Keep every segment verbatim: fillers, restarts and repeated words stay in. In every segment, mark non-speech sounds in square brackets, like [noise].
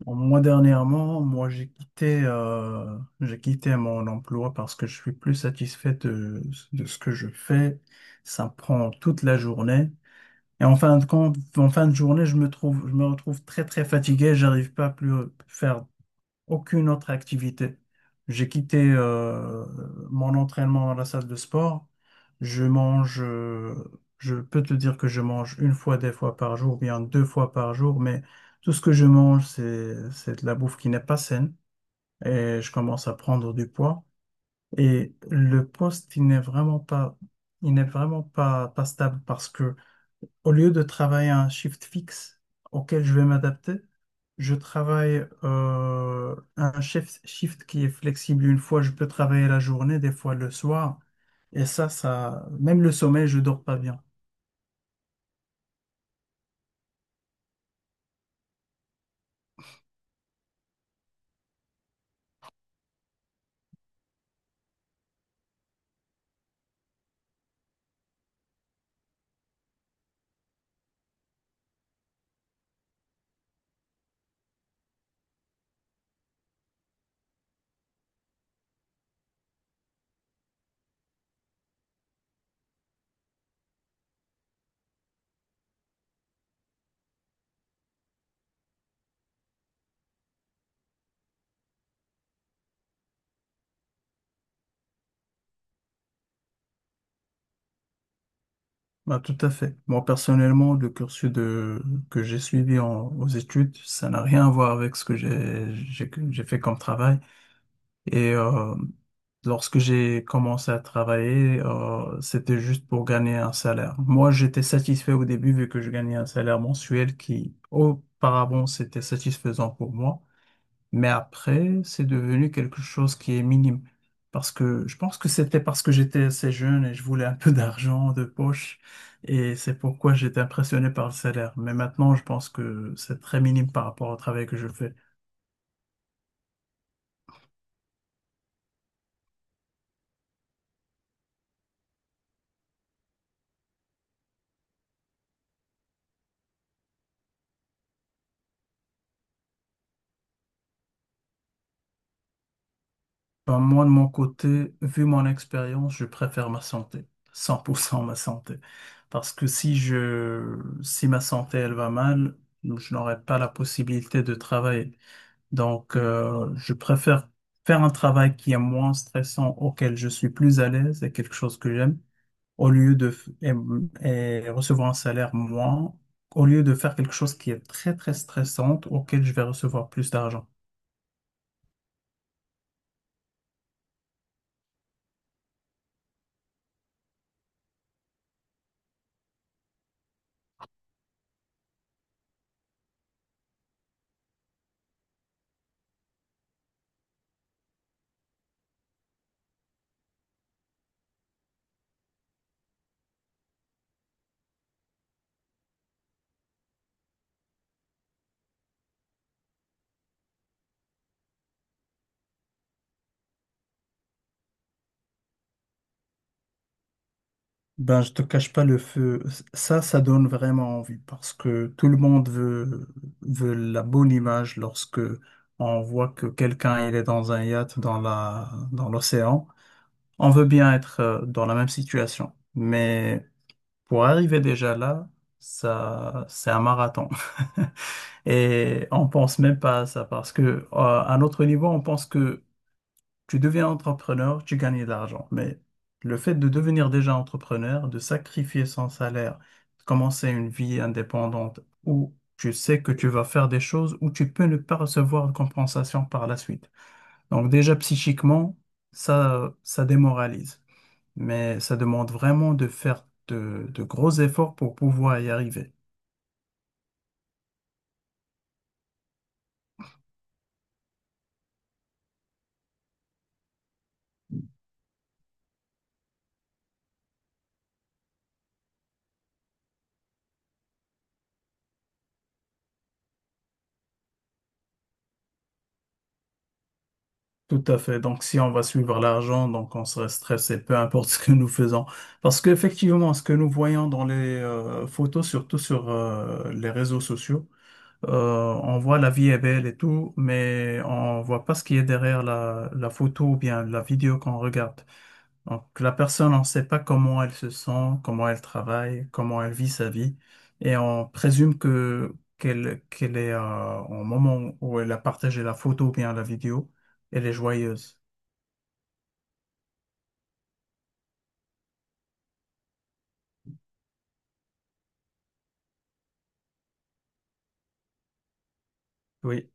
Bon, moi, dernièrement, moi, j'ai quitté, euh, j'ai quitté mon emploi parce que je suis plus satisfait de, de ce que je fais. Ça me prend toute la journée. Et en fin de compte, en fin de journée, je me trouve, je me retrouve très, très fatigué. J'arrive pas à plus faire aucune autre activité. J'ai quitté euh, mon entraînement dans la salle de sport. Je mange, euh, je peux te dire que je mange une fois, des fois par jour, bien deux fois par jour, mais tout ce que je mange, c'est, c'est de la bouffe qui n'est pas saine et je commence à prendre du poids. Et le poste, il n'est vraiment pas, il n'est vraiment pas, pas stable parce que au lieu de travailler un shift fixe auquel je vais m'adapter, je travaille euh, un shift, shift qui est flexible. Une fois, je peux travailler la journée, des fois le soir. Et ça, ça, même le sommeil, je dors pas bien. Bah, tout à fait. Moi, personnellement, le cursus de, que j'ai suivi en- aux études, ça n'a rien à voir avec ce que j'ai, j'ai, j'ai fait comme travail. Et euh, Lorsque j'ai commencé à travailler, euh, c'était juste pour gagner un salaire. Moi, j'étais satisfait au début vu que je gagnais un salaire mensuel qui, auparavant, c'était satisfaisant pour moi. Mais après, c'est devenu quelque chose qui est minime. Parce que je pense que c'était parce que j'étais assez jeune et je voulais un peu [laughs] d'argent de poche. Et c'est pourquoi j'étais impressionné par le salaire. Mais maintenant, je pense que c'est très minime par rapport au travail que je fais. Ben, moi, de mon côté, vu mon expérience, je préfère ma santé, cent pour cent ma santé. Parce que si je, si ma santé, elle va mal, je n'aurai pas la possibilité de travailler. Donc, euh, je préfère faire un travail qui est moins stressant, auquel je suis plus à l'aise et quelque chose que j'aime, au lieu de, f- et, et recevoir un salaire moins, au lieu de faire quelque chose qui est très, très stressant, auquel je vais recevoir plus d'argent. Ben, je te cache pas le feu. Ça, ça donne vraiment envie parce que tout le monde veut, veut la bonne image lorsque on voit que quelqu'un il est dans un yacht dans la, dans l'océan. On veut bien être euh, dans la même situation. Mais pour arriver déjà là, ça, c'est un marathon. [laughs] Et on pense même pas à ça parce que, euh, à notre niveau, on pense que tu deviens entrepreneur, tu gagnes de l'argent. Mais le fait de devenir déjà entrepreneur, de sacrifier son salaire, de commencer une vie indépendante où tu sais que tu vas faire des choses où tu peux ne pas recevoir de compensation par la suite. Donc déjà psychiquement, ça, ça démoralise. Mais ça demande vraiment de faire de de gros efforts pour pouvoir y arriver. Tout à fait. Donc, si on va suivre l'argent, donc on serait stressé, peu importe [laughs] ce que nous faisons. Parce qu'effectivement, ce que nous voyons dans les euh, photos, surtout sur euh, les réseaux sociaux, euh, on voit la vie est belle et tout, mais on voit pas ce qui est derrière la, la photo ou bien la vidéo qu'on regarde. Donc, la personne, on ne sait pas comment elle se sent, comment elle travaille, comment elle vit sa vie, et on présume que qu'elle qu'elle est euh, au moment où elle a partagé la photo ou bien la vidéo, elle est joyeuse. Oui,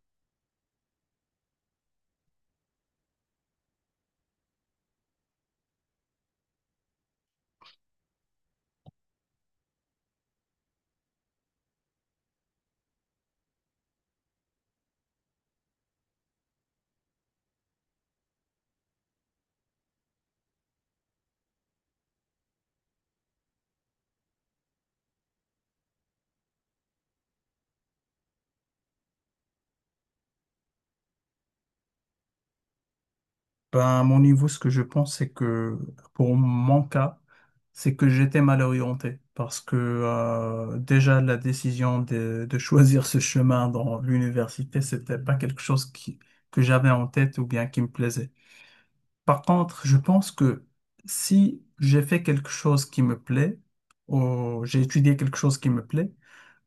ben, à mon niveau, ce que je pense, c'est que pour mon cas, c'est que j'étais mal orienté parce que euh, déjà la décision de, de choisir ce chemin dans l'université, c'était pas quelque chose qui, que j'avais en tête ou bien qui me plaisait. Par contre, je pense que si j'ai fait quelque chose qui me plaît, ou j'ai étudié quelque chose qui me plaît,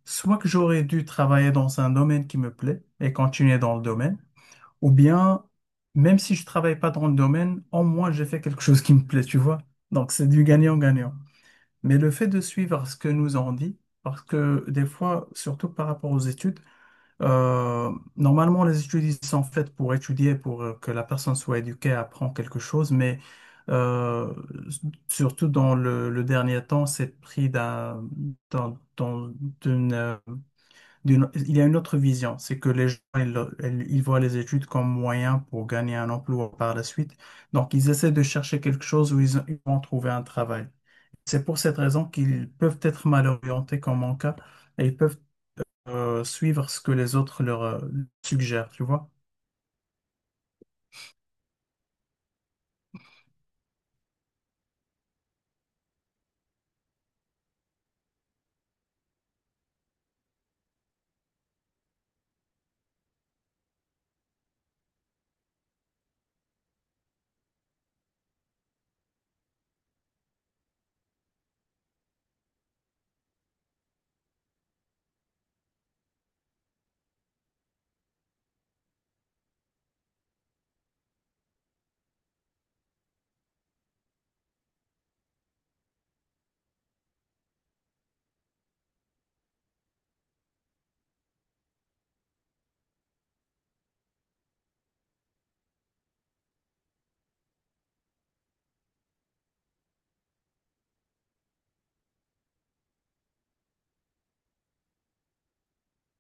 soit que j'aurais dû travailler dans un domaine qui me plaît et continuer dans le domaine, ou bien, même si je travaille pas dans le domaine, au moins j'ai fait quelque chose qui me plaît, tu vois. Donc c'est du gagnant-gagnant. Mais le fait de suivre ce que nous on dit, parce que des fois, surtout par rapport aux études, euh, normalement les études ils sont faites pour étudier, pour euh, que la personne soit éduquée, apprend quelque chose, mais euh, surtout dans le, le dernier temps, c'est pris d'un, dans, dans- d'une, d'une- il y a une autre vision, c'est que les gens, ils, ils- ils voient les études comme moyen pour gagner un emploi par la suite. Donc, ils essaient de chercher quelque chose où ils, ils vont trouver un travail. C'est pour cette raison qu'ils peuvent être mal orientés comme mon cas et ils peuvent euh, suivre ce que les autres leur euh, suggèrent, tu vois?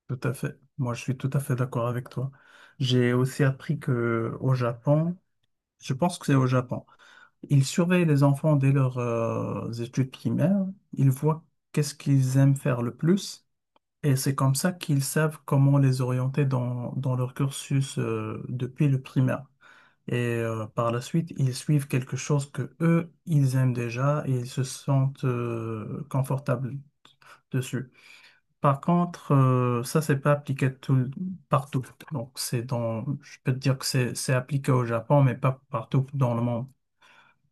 Tout à fait. Moi, je suis tout à fait d'accord avec toi. J'ai aussi appris que au Japon, je pense que c'est au Japon. Ils surveillent les enfants dès leurs euh, études primaires. Ils voient qu'est-ce qu'ils aiment faire le plus. Et c'est comme ça qu'ils savent comment les orienter dans, dans leur cursus euh, depuis le primaire. Et euh, par la suite, ils suivent quelque chose que eux, ils aiment déjà et ils se sentent euh, confortables dessus. Par contre, euh, ça, c'est pas appliqué tout, partout. Donc, c'est dans, je peux te dire que c'est c'est appliqué au Japon, mais pas partout dans le monde.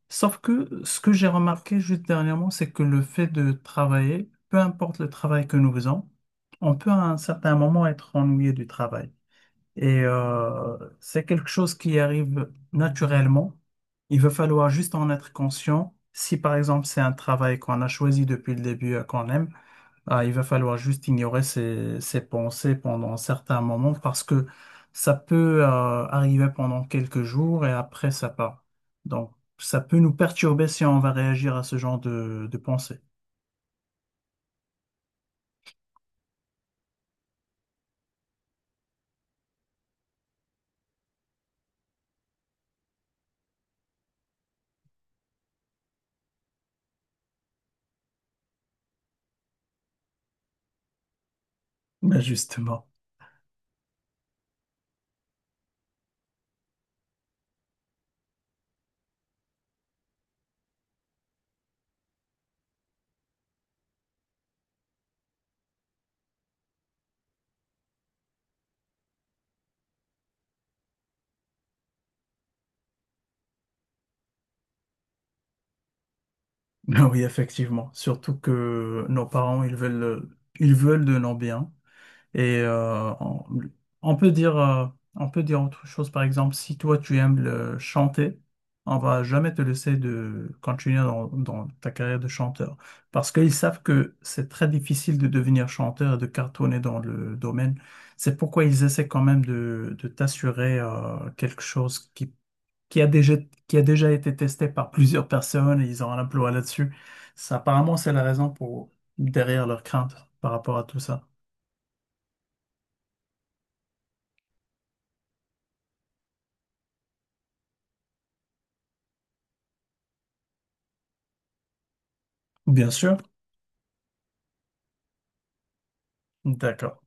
Sauf que ce que j'ai remarqué juste dernièrement, c'est que le fait de travailler, peu importe le travail que nous faisons, on peut à un certain moment être ennuyé du travail. Et euh, c'est quelque chose qui arrive naturellement. Il va falloir juste en être conscient. Si par exemple c'est un travail qu'on a choisi depuis le début et qu'on aime, ah, il va falloir juste ignorer ces ces pensées pendant certains moments parce que ça peut euh, arriver pendant quelques jours et après ça part. Donc, ça peut nous perturber si on va réagir à ce genre de, de pensées. Ben justement. [laughs] Oui, effectivement. Surtout que nos parents, ils veulent, ils veulent de nos biens. Et euh, on, on peut dire, euh, on peut dire autre chose, par exemple, si toi tu aimes le chanter, on va jamais te laisser de continuer dans, dans ta carrière de chanteur. Parce qu'ils savent que c'est très difficile de devenir chanteur et de cartonner dans le domaine. C'est pourquoi ils essaient quand même de, de t'assurer euh, quelque chose qui qui a déjà, qui a déjà été testé par plusieurs personnes et ils ont un emploi là-dessus. Ça, apparemment, c'est la raison pour derrière leur crainte par rapport à tout ça. Bien sûr. D'accord.